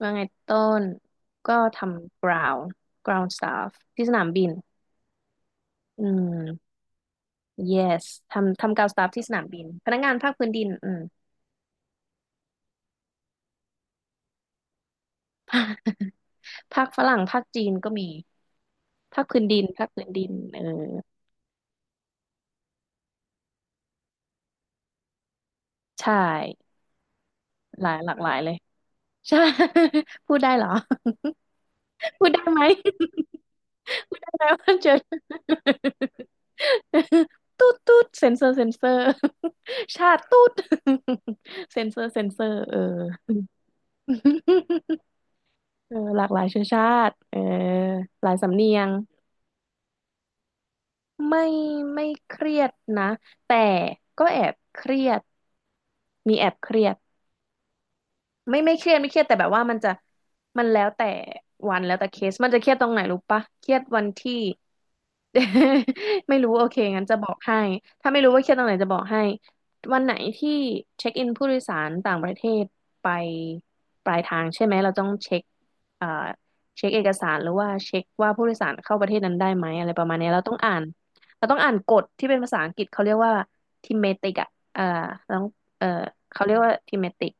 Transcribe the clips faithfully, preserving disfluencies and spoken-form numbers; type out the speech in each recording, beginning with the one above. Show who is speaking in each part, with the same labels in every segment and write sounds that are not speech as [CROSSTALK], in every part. Speaker 1: ว่าไงต้นก็ทำ ground ground staff ที่สนามบิน อืม yes ทำทำ ground staff ที่สนามบินพนักงานภาคพื้นดิน อืมภาคฝรั่งภาคจีนก็มีภาคพื้นดินภาคพื้นดินเออใช่หลายหลากหลายเลยใช่ [LAUGHS] พูดได้เหรอ [LAUGHS] พูดได้ไหม [LAUGHS] พูดได้ไหมว่าเจอ [LAUGHS] ตูดตูดเซนเซอร์เซนเซอร์ [LAUGHS] ชาติตูด [LAUGHS] เซนเซอร์เซนเซอร์เออ เออหลากหลายเชื้อชาติเออหลายสำเนียงไม่ไม่เครียดนะ แต่ก็แอบเครียด มีแอบเครียด ไม่ไม่เครียดไม่เครียดแต่แบบว่ามันจะมันแล้วแต่วันแล้วแต่เคสมันจะเครียดตรงไหนรู้ปะเครียดวันที่ [LAUGHS] ไม่รู้โอเคงั้นจะบอกให้ถ้าไม่รู้ว่าเครียดตรงไหนจะบอกให้วันไหนที่เช็คอินผู้โดยสารต่างประเทศไปปลายทางใช่ไหมเราต้องเช็คเอ่อเช็คเอกสารหรือว่าเช็คว่าผู้โดยสารเข้าประเทศนั้นได้ไหมอะไรประมาณเนี้ยเราต้องอ่านเราต้องอ่านกฎที่เป็นภาษาอังกฤษเขาเรียกว่าทิเมติกอะเอ่อเราต้องเอ่อเขาเรียกว่าทิเมติก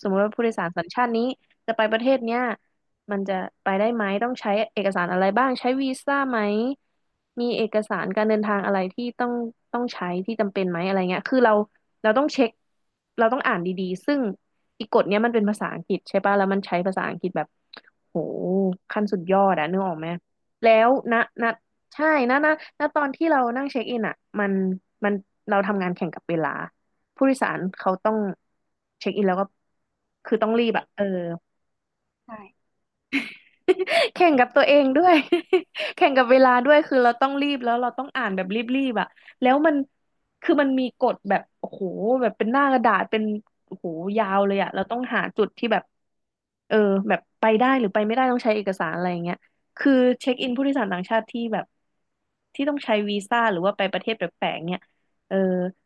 Speaker 1: สมมติว่าผู้โดยสารสัญชาตินี้จะไปประเทศเนี้ยมันจะไปได้ไหมต้องใช้เอกสารอะไรบ้างใช้วีซ่าไหมมีเอกสารการเดินทางอะไรที่ต้องต้องใช้ที่จำเป็นไหมอะไรเงี้ยคือเราเราต้องเช็คเราต้องอ่านดีๆซึ่งอีกกฎเนี้ยมันเป็นภาษาอังกฤษใช่ปะแล้วมันใช้ภาษาอังกฤษแบบโหขั้นสุดยอดอะนึกออกไหมแล้วนะนะใช่นะนะนะตอนที่เรานั่งเช็คอินอะมันมันเราทำงานแข่งกับเวลา ผู้โดยสารเขาต้องเช็คอินแล้วก็คือต้องรีบอะเออ แข่งกับตัวเองด้วย [LAUGHS] แข่งกับเวลาด้วยคือเราต้องรีบแล้วเราต้องอ่านแบบรีบๆอ่ะแล้วมันคือมันมีกฎแบบโอ้โหแบบเป็นหน้ากระดาษเป็นโอ้โหยาวเลยอ่ะเราต้องหาจุดที่แบบเออแบบไปได้หรือไปไม่ได้ต้องใช้เอกสารอะไรอย่างเงี้ยคือเช็คอินผู้โดยสารต่างชาติที่แบบที่ต้องใช้วีซ่าหรือว่าไปประเทศแปลกๆเนี่ยเออ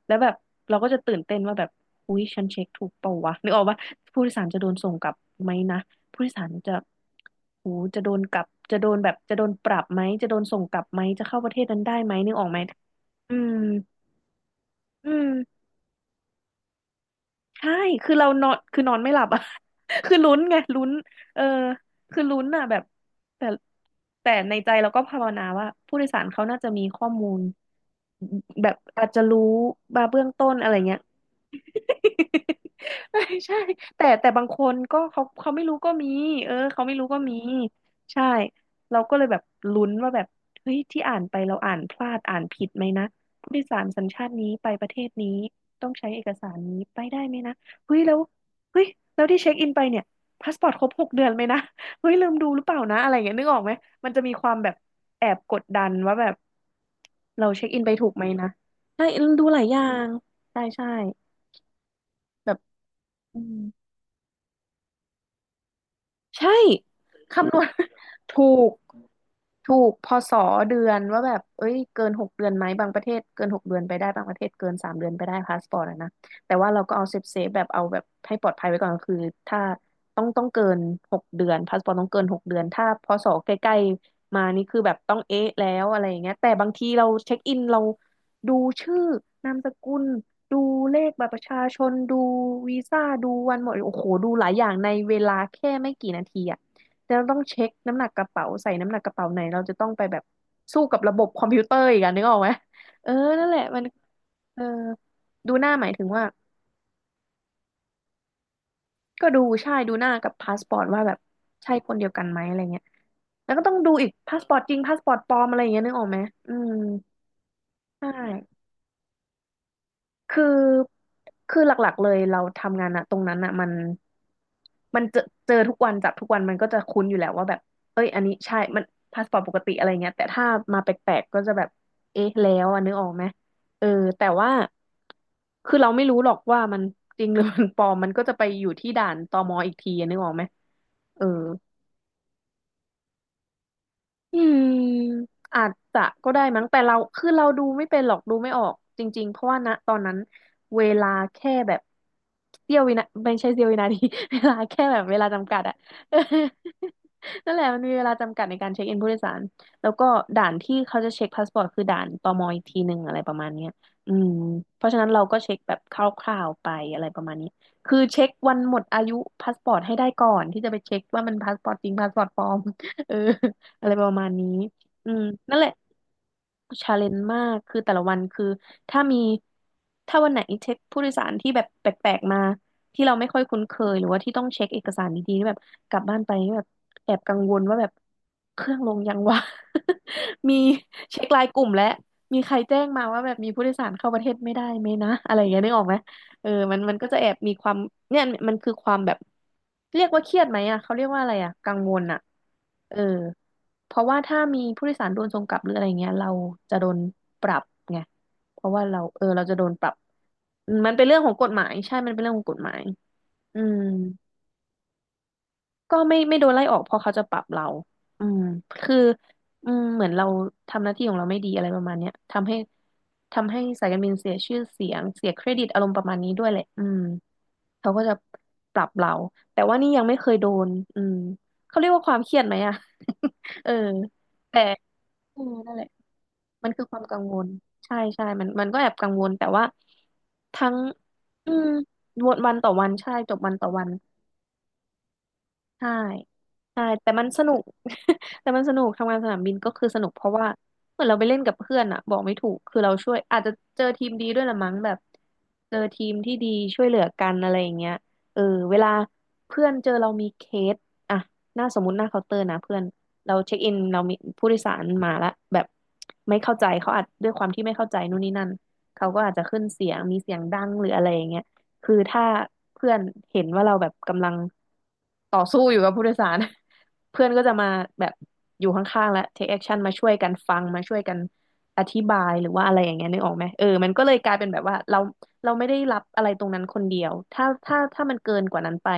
Speaker 1: แล้วแบบเราก็จะตื่นเต้นว่าแบบอุ๊ยฉันเช็คถูกเปล่าวะนึกออกว่าผู้โดยสารจะโดนส่งกลับไหมนะ ผู้โดยสารจะโหจะโดนกลับจะโดนแบบจะโดนปรับไหมจะโดนส่งกลับไหมจะเข้าประเทศนั้นได้ไหมนึกออกไหมอืมอืมใช่คือเรานอนคือนอนไม่หลับอ่ะ [LAUGHS] คือลุ้นไงลุ้นเออคือลุ้นอ่ะแบบแต่แต่ในใจเราก็ภาวนาว่าผู้โดยสารเขาน่าจะมีข้อมูลแบบอาจจะรู้มาเบื้องต้นอะไรเงี้ย [LAUGHS] ไม่ใช่แต่แต่บางคนก็เขาเขาไม่รู้ก็มีเออเขาไม่รู้ก็มีใช่เราก็เลยแบบลุ้นว่าแบบเฮ้ยที่อ่านไปเราอ่านพลาดอ่านผิดไหมนะผู้โดยสารสัญชาตินี้ไปประเทศนี้ต้องใช้เอกสารนี้ไปได้ไหมนะเฮ้ยแล้วเฮ้ยแล้วที่เช็คอินไปเนี่ยพาสปอร์ตครบหกเดือนไหมนะเฮ้ยลืมดูหรือเปล่านะอะไรเงี้ยนึกออกไหมมันจะมีความแบบแอบกดดันว่าแบบเราเช็คอินไปถูกไหมนะใช่ลืมดูหลายอย่างใช่ใช่แบบ อืมใช่คำนวณ [LAUGHS] ถูก ถูกพศเดือนว่าแบบเอ้ยเกินหกเดือนไหม บางประเทศเกินหกเดือนไปได้บางประเทศเกินสามเดือนไปได้พาสปอร์ตอะนะแต่ว่าเราก็เอาเซฟเซฟแบบเอาแบบให้ปลอดภัยไว้ก่อนก็คือถ้าต้องต้องเกินหกเดือนพาสปอร์ตต้องเกินหกเดือนถ้าพศใกล้ๆมานี่คือแบบต้องเอ๊ะแล้วอะไรอย่างเงี้ยแต่บางทีเราเช็คอินเราดูชื่อนามสกุลดูเลขบัตรประชาชนดูวีซ่าดูวันหมดโอ้โหดูหลายอย่างในเวลาแค่ไม่กี่นาทีอะ แล้วต้องเช็คน้ำหนักกระเป๋าใส่น้ำหนักกระเป๋าไหนเราจะต้องไปแบบสู้กับระบบคอมพิวเตอร์อีกอะนึกออกไหมเออนั่นแหละมันเออดูหน้าหมายถึงว่าก็ดูใช่ดูหน้ากับพาสปอร์ตว่าแบบใช่คนเดียวกันไหมอะไรเงี้ยแล้วก็ต้องดูอีกพาสปอร์ตจริงพาสปอร์ตปลอมอะไรอย่างเงี้ยนึกออกไหมอืมใช่ คือคือหลักๆเลยเราทำงานอะตรงนั้นอะมันมันเจอเจอทุกวันจับทุกวันมันก็จะคุ้นอยู่แล้วว่าแบบเอ้ยอันนี้ใช่มันพาสปอร์ตปกติอะไรเงี้ยแต่ถ้ามาแปลกๆก็จะแบบเอ๊ะแล้วอ่ะนึกออกไหมเออแต่ว่าคือเราไม่รู้หรอกว่ามันจริงหรือมันปลอมมันก็จะไปอยู่ที่ด่านตมอีกทีอะนึกออกไหมเออ อืมอาจจะก็ได้มั้งแต่เราคือเราดูไม่เป็นหรอกดูไม่ออกจริงๆเพราะว่าณตอนนั้นเวลาแค่แบบเสี้ยววินาไม่ใช่เสี้ยววินาที [LAUGHS] เวลาแค่แบบเวลาจำกัดอะ [LAUGHS] นั่นแหละมันมีเวลาจำกัดในการเช็คอินผู้โดยสารแล้วก็ด่านที่เขาจะเช็คพาสปอร์ตคือด่านตมอีกทีหนึ่งอะไรประมาณเนี้ยอืมเพราะฉะนั้นเราก็เช็คแบบคร่าวๆไปอะไรประมาณนี้คือเช็ควันหมดอายุพาสปอร์ตให้ได้ก่อนที่จะไปเช็คว่ามันพาสปอร์ตจริงพาสปอร์ตปลอม [LAUGHS] เออ อะไรประมาณนี้อืมนั่นแหละชาเลนจ์มากคือแต่ละวันคือถ้ามีถ้าวันไหนเช็คผู้โดยสารที่แบบแปลกๆมา ที่เราไม่ค่อยคุ้นเคย หรือว่าที่ต้องเช็คเอกสารดีๆนี่แบบกลับบ้านไปนี่แบบแอบกังวลว่าแบบเครื่องลงยังวะ [LAUGHS] มีเช็คไลน์กลุ่มและมีใครแจ้งมาว่าแบบมีผู้โดยสารเข้าประเทศไม่ได้ไหมนะ อะไรอย่างเงี้ยนึกออกไหมเออมันมันก็จะแอบมีความเนี่ยมันคือความแบบ เรียกว่าเครียดไหมอ่ะเขาเรียกว่าอะไรอ่ะกังวลอ่ะเออเพราะว่าถ้ามีผู้โดยสารโดนส่งกลับหรืออะไรเงี้ยเราจะโดนปรับไงเพราะว่าเราเออเราจะโดนปรับมันเป็นเรื่องของกฎหมายใช่มันเป็นเรื่องของกฎหมายอืมก็ไม่ไม่โดนไล่ออกเพราะเขาจะปรับเราอืมคืออืมเหมือนเราทำหน้าที่ของเราไม่ดีอะไรประมาณเนี้ยทำให้ทำให้สายการบินเสียชื่อเสียงเสียเครดิตอารมณ์ประมาณนี้ด้วยแหละอืม เขาก็จะปรับเราแต่ว่านี่ยังไม่เคยโดนอืมเขาเรียกว่าความเครียดไหมอะ [LAUGHS] เออแต่เออนั่นแหละมันคือความกังวล ใช่ใช่มันมันก็แอบกังวล แต่ว่าทั้งอืมวนวันต่อวัน ใช่จบวันต่อวัน ใช่ใช่แต่มันสนุก [LAUGHS] แต่มันสนุกทำงานสนามบินก็คือสนุกเพราะว่าเหมือนเราไปเล่นกับเพื่อนอะบอกไม่ถูกคือเราช่วยอาจจะเจอทีมดีด้วยละมั้งแบบเจอทีมที่ดีช่วยเหลือกันอะไรอย่างเงี้ยเออเวลาเพื่อนเจอเรามีเคสอะหน้าสมมุติหน้าเคาน์เตอร์นะเพื่อนเราเช็คอินเรามีผู้โดยสารมาละแบบไม่เข้าใจเขาอาจด้วยความที่ไม่เข้าใจนู่นนี่นั่นเขาก็อาจจะขึ้นเสียงมีเสียงดังหรืออะไรอย่างเงี้ย คือถ้าเพื่อนเห็นว่าเราแบบกำลังต่อสู้อยู่กับผู้โดยสาร [LAUGHS] เพื่อนก็จะมาแบบอยู่ข้างๆและ take action มาช่วยกันฟังมาช่วยกันอธิบายหรือว่าอะไรอย่างเงี้ยนึกออกไหมเออมันก็เลยกลายเป็นแบบว่าเราเราไม่ได้รับอะไรตรงนั้นคนเดียวถ้าถ้าถ้ามันเกินกว่านั้นไป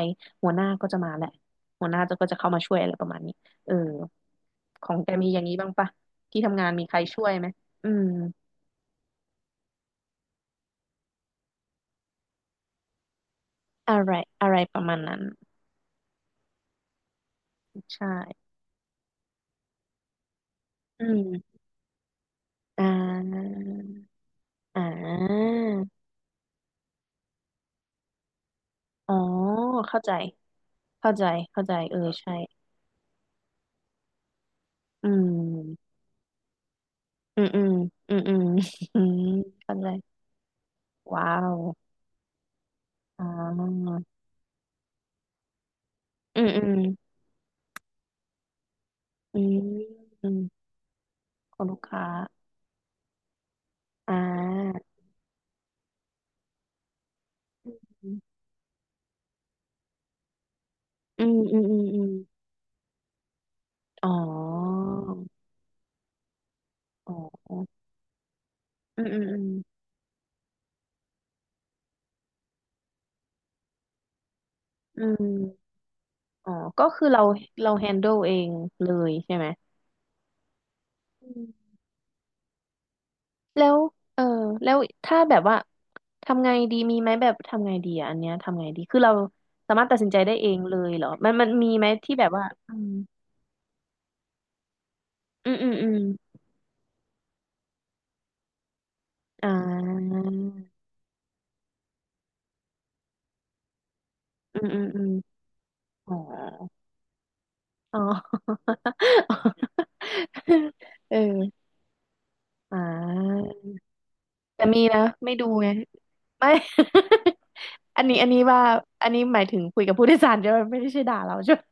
Speaker 1: หัวหน้าก็จะมาแหละหัวหน้าจะก็จะเข้ามาช่วยอะไรประมาณนี้เออของแกมีอย่างนี้บ้างปะที่ทำงานมีใครช่วยไหมอืมอะไรอะไรประมาณนั้นใช่อืมอ่า อ่าอ๋อ เข้าใจ เข้าใจเข้าใจ เออ ใช่ อืม อืม อืม อืมอืม [LAUGHS] อืมเข้าใจว้าวอ่าอืมอืมอืม อืมของลูกค้าอ่าอืมอืมอืมอืมอ๋อ อ๋ออืมอืมอืมอืมอ๋อ ก็คือเรา เราแฮนเดิลเองเลยใช่ไหม แล้วเออแล้วถ้าแบบว่าทำไงดีมีไหมแบบทำไงดีอ่ะอันเนี้ยทำไงดีคือเราสามารถตัดสินใจได้เองเลยเหรอมันมันมีไหมที่แบบว่าอืมอืมอืมอืมอ่าอืมอืมอืมอ๋ออ๋อ [LAUGHS] เอออ่าแต่มีนะไม่ดูไงไม่ [LAUGHS] อันนี้อันนี้ว่าอันนี้หมายถึงคุยกับผู้โดยสารใช่ไหมไม่ได้ใช่ด่าเราใช่ไหม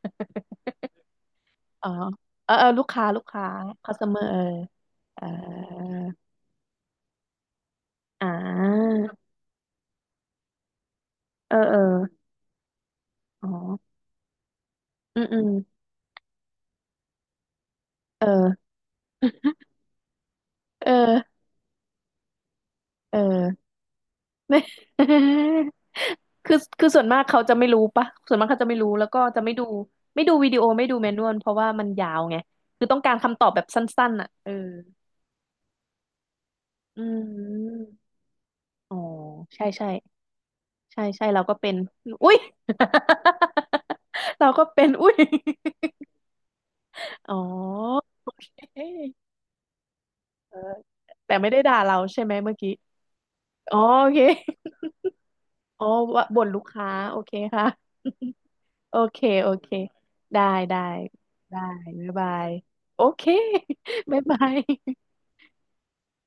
Speaker 1: อ๋อเออเออลูกค้าลูกค้า customer เออเอออ่าเออเอออ๋ออืมอืมเออเออเออไน่ [LAUGHS] ยคือคือส่วนมากเขาจะไม่รู้ปะส่วนมากเขาจะไม่รู้แล้วก็จะไม่ดู ไม่ดูวิดีโอไม่ดูแมนนวลเพราะว่ามันยาวไง คือต้องการคำตอบแบบสั้นๆอ่ะเอออืมอ๋อใช่ใช่ใช่ใช่เราก็เป็นอุ้ย [LAUGHS] เราก็เป็นอุ้ย อ๋อโอเคเออแต่ไม่ได้ด่าเราใช่ไหมเมื่อกี้อ๋อโอเค [LAUGHS] อ๋อว่าบ่นลูกค้าโอเคค่ะ [LAUGHS] โอเคโอเคได้ได้ได้บ๊ายบายโอเค [LAUGHS] บ๊ายบาย